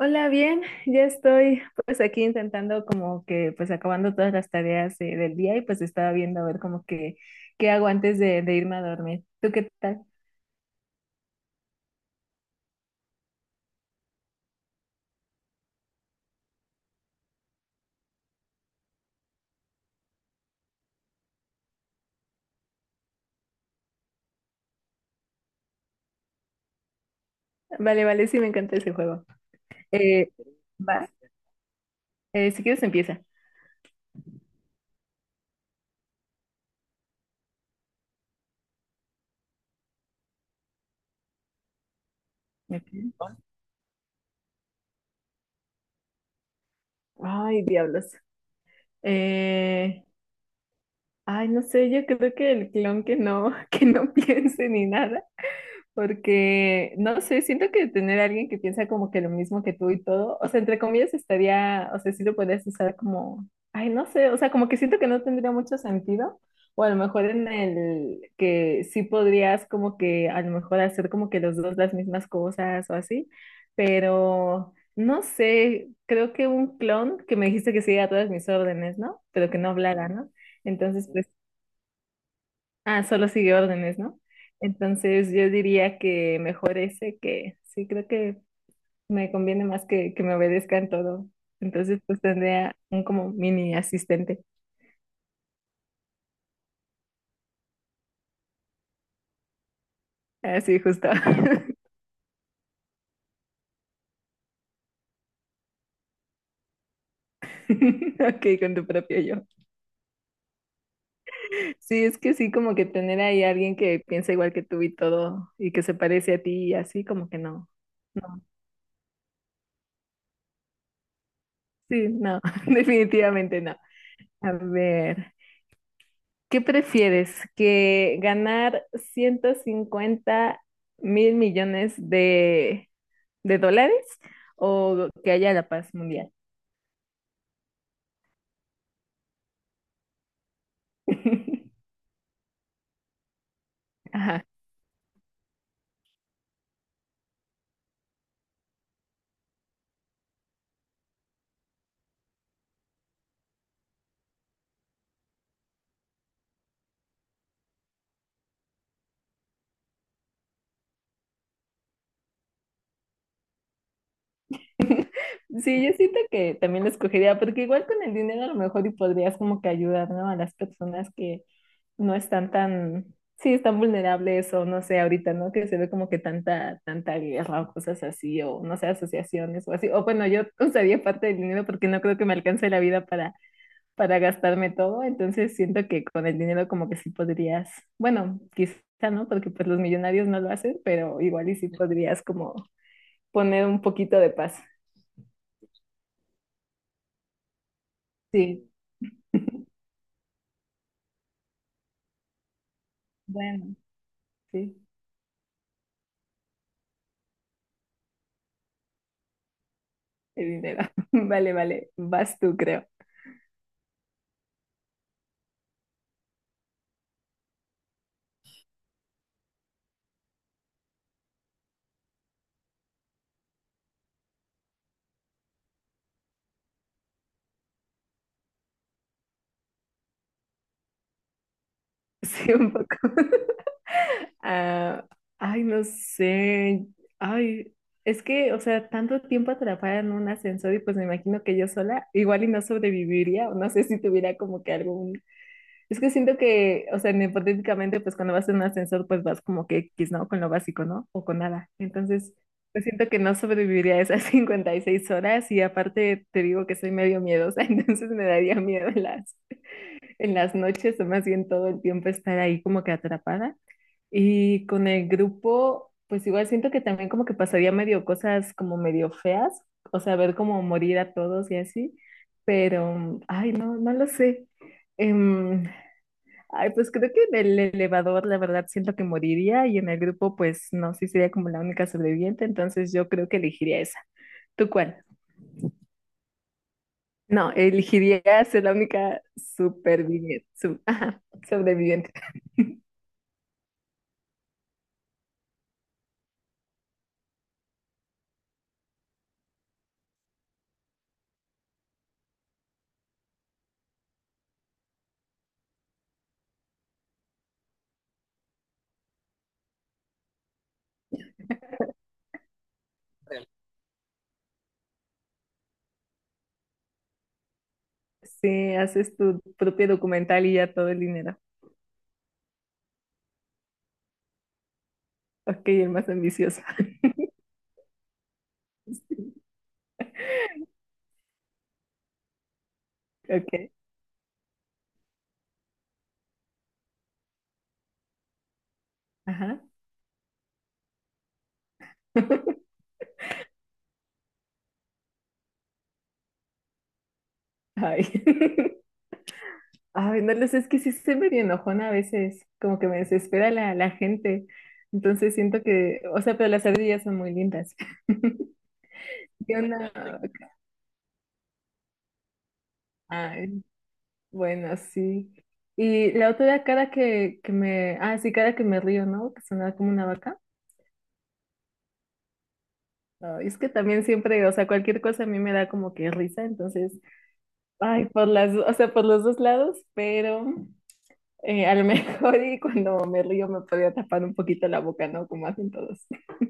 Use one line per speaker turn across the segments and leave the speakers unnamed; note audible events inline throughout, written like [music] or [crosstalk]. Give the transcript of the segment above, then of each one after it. Hola, bien, ya estoy pues aquí intentando como que pues acabando todas las tareas del día y pues estaba viendo a ver como que qué hago antes de irme a dormir. ¿Tú qué tal? Vale, vale, sí me encanta ese juego. Eh, ¿Va? Si quieres empieza. Ok. Ay, diablos. Eh, ay, no sé, yo creo que el clon que no, [laughs] que no piense ni nada. Porque, no sé, siento que tener a alguien que piensa como que lo mismo que tú y todo, o sea, entre comillas estaría, o sea, sí lo podrías usar como, ay, no sé, o sea, como que siento que no tendría mucho sentido, o a lo mejor en el que sí podrías como que a lo mejor hacer como que los dos las mismas cosas o así, pero no sé, creo que un clon que me dijiste que siguiera todas mis órdenes, ¿no? Pero que no hablara, ¿no? Entonces, pues ah, solo sigue órdenes, ¿no? Entonces yo diría que mejor ese que sí, creo que me conviene más que me obedezca en todo. Entonces pues tendría un como mini asistente. Así justo. [laughs] Ok, con tu propio yo. Sí, es que sí, como que tener ahí a alguien que piensa igual que tú y todo y que se parece a ti y así, como que no. No, sí, no, [laughs] definitivamente no. A ver. ¿Qué prefieres? ¿Que ganar 150 mil millones de dólares o que haya la paz mundial? [laughs] Ajá. [laughs] Sí, yo siento que también lo escogería, porque igual con el dinero a lo mejor y podrías como que ayudar, ¿no? A las personas que no están tan, sí, están vulnerables o no sé, ahorita, ¿no? Que se ve como que tanta, tanta guerra o cosas así, o no sé, asociaciones o así. O bueno, yo [laughs] usaría parte del dinero porque no creo que me alcance la vida para gastarme todo, entonces siento que con el dinero como que sí podrías, bueno, quizá no, porque pues los millonarios no lo hacen, pero igual y sí podrías como poner un poquito de paz. Sí, bueno, sí, el dinero. [laughs] Vale, vale, vas tú, creo. [laughs] Sí, un poco. [laughs] Ah, ay, no sé. Ay, es que, o sea, tanto tiempo atrapada en un ascensor y pues me imagino que yo sola igual y no sobreviviría, o no sé si tuviera como que algún. Es que siento que, o sea, en hipotéticamente, pues cuando vas en un ascensor, pues vas como que X, ¿no? Con lo básico, ¿no? O con nada. Entonces, pues siento que no sobreviviría a esas [laughs] 56 horas y aparte te digo que soy medio miedosa, [laughs] entonces me daría miedo en las noches o más bien todo el tiempo estar ahí como que atrapada. Y con el grupo, pues igual siento que también como que pasaría medio cosas como medio feas, o sea, ver como morir a todos y así, pero, ay, no, no lo sé. Em, Ay, pues creo que en el elevador, la verdad, siento que moriría y en el grupo, pues no, sí sería como la única sobreviviente, entonces yo creo que elegiría esa. ¿Tú cuál? No, elegiría ser la única superviviente, su- [laughs] ajá, sobreviviente. Sí, haces tu propio documental y ya todo el dinero. Ok, el más ambicioso. [laughs] Sí, Ok, ajá. [laughs] Ay. [laughs] Ay, no lo sé, es que sí soy medio enojona a veces, como que me desespera la gente. Entonces siento que, o sea, pero las ardillas son muy lindas. [laughs] Yo no- ay, bueno, sí. Y la otra era cara que me, ah, sí, cara que me río, ¿no? Que sonaba como una vaca. Ay, es que también siempre, o sea, cualquier cosa a mí me da como que risa, entonces, ay, por las, o sea, por los dos lados, pero a lo [laughs] mejor y cuando me río me podía tapar un poquito la boca, ¿no? Como hacen todos. [laughs]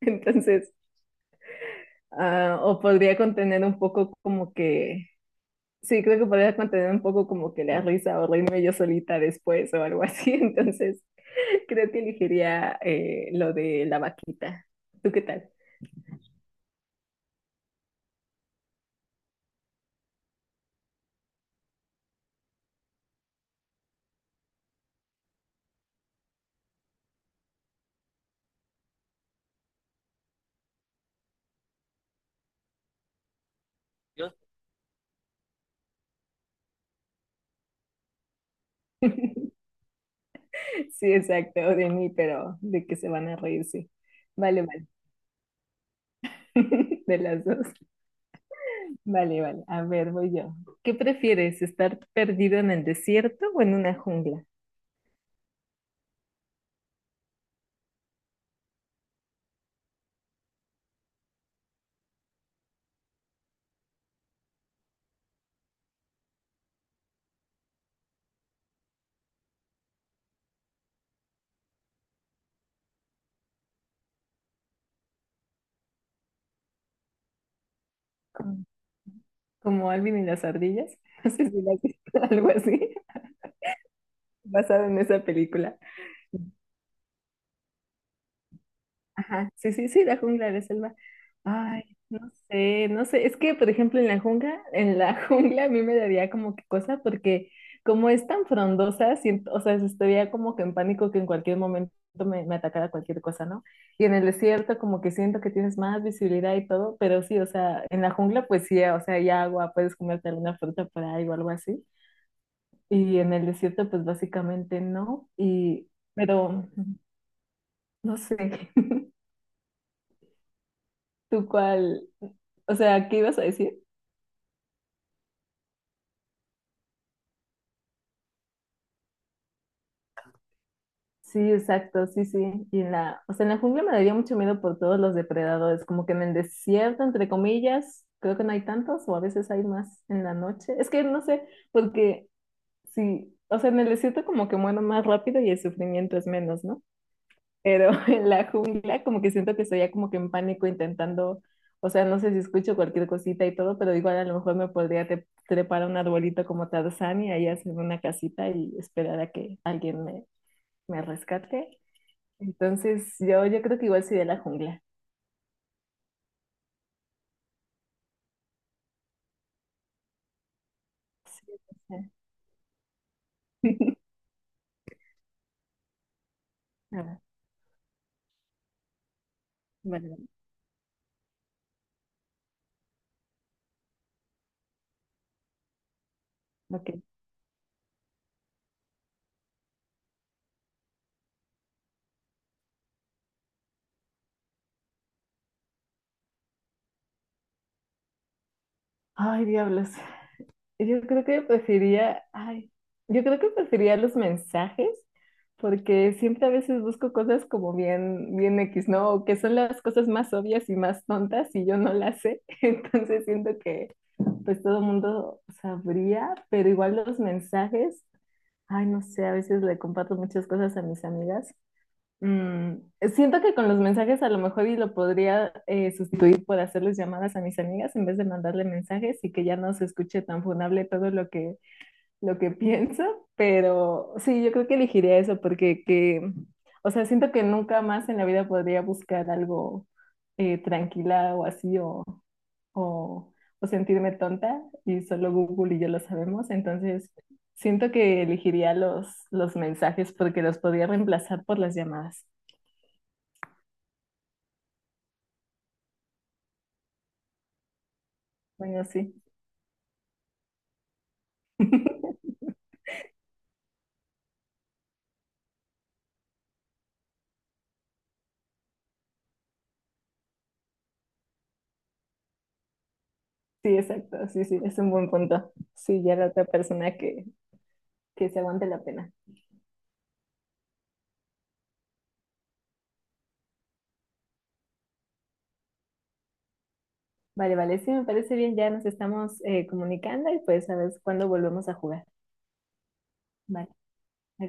Entonces, ah, o podría contener un poco como que, sí, creo que podría contener un poco como que la risa o reírme yo solita después o algo así. [laughs] Entonces, creo que elegiría lo de la vaquita. ¿Tú qué tal? [laughs] Sí, exacto, o de mí, pero de que se van a reír, sí. Vale, vale. [laughs] De las dos. Vale, vale. A ver, voy yo. ¿Qué prefieres, estar perdido en el desierto o en una jungla? Como como Alvin y las ardillas. [laughs] No sé si las has visto, [laughs] algo así. Basado en esa película. Ajá. Sí, sí, sí, la jungla de selva. Ay, no sé, no sé. Es que, por ejemplo, en la jungla, en la [laughs] jungla a mí me daría como que cosa porque como es tan frondosa, siento, o sea, estaría como que en pánico que en cualquier momento me, me atacara cualquier cosa, ¿no? Y en el desierto como que siento que tienes más visibilidad y todo, pero sí, o sea, en la jungla pues sí, o sea, hay agua, puedes comerte alguna fruta por ahí o algo así. Y en el desierto pues básicamente no. Y, pero, no sé. ¿Tú cuál? O sea, ¿qué ibas a decir? Sí, exacto, sí, sí. Y en la, o sea, en la jungla me daría mucho miedo por todos los depredadores, como que en el desierto, entre comillas, creo que no hay tantos, o a veces hay más en la noche. Es que no sé, porque sí, o sea, en el desierto como que muero más rápido y el sufrimiento es menos, ¿no? Pero [laughs] en la jungla como que siento que estoy ya como que en pánico intentando, o sea, no sé si escucho cualquier cosita y todo, pero igual a lo mejor me podría te- trepar a un arbolito como Tarzán y ahí hacer una casita y esperar a que alguien me, me rescate. Entonces yo creo que igual soy de la jungla. Sí, o sea. [laughs] Ah, vale, vale, ok. Ay, diablos. Yo creo que preferiría, ay, yo creo que preferiría los mensajes, porque siempre a veces busco cosas como bien, bien X, ¿no? O que son las cosas más obvias y más tontas y yo no las sé. [laughs] Entonces siento que pues todo el mundo sabría, pero igual los mensajes, ay, no sé, a veces le comparto muchas cosas a mis amigas. Mm, siento que con los mensajes a lo mejor y lo podría sustituir por hacerles llamadas a mis amigas en vez de mandarle mensajes y que ya no se escuche tan funable todo lo que [laughs] pienso, pero sí, yo creo que elegiría eso porque que, o sea, siento que nunca más en la vida podría buscar algo tranquila o así o, o sentirme tonta y solo Google y yo lo sabemos, entonces siento que elegiría los mensajes porque los podría reemplazar por las llamadas. Bueno, sí. [laughs] Sí, exacto. Sí, sí, es un buen punto. Sí, ya la otra persona que se aguante la pena. Vale, vale, sí, me parece bien. Ya nos estamos comunicando y pues a ver cuándo volvemos a jugar. Vale, vale.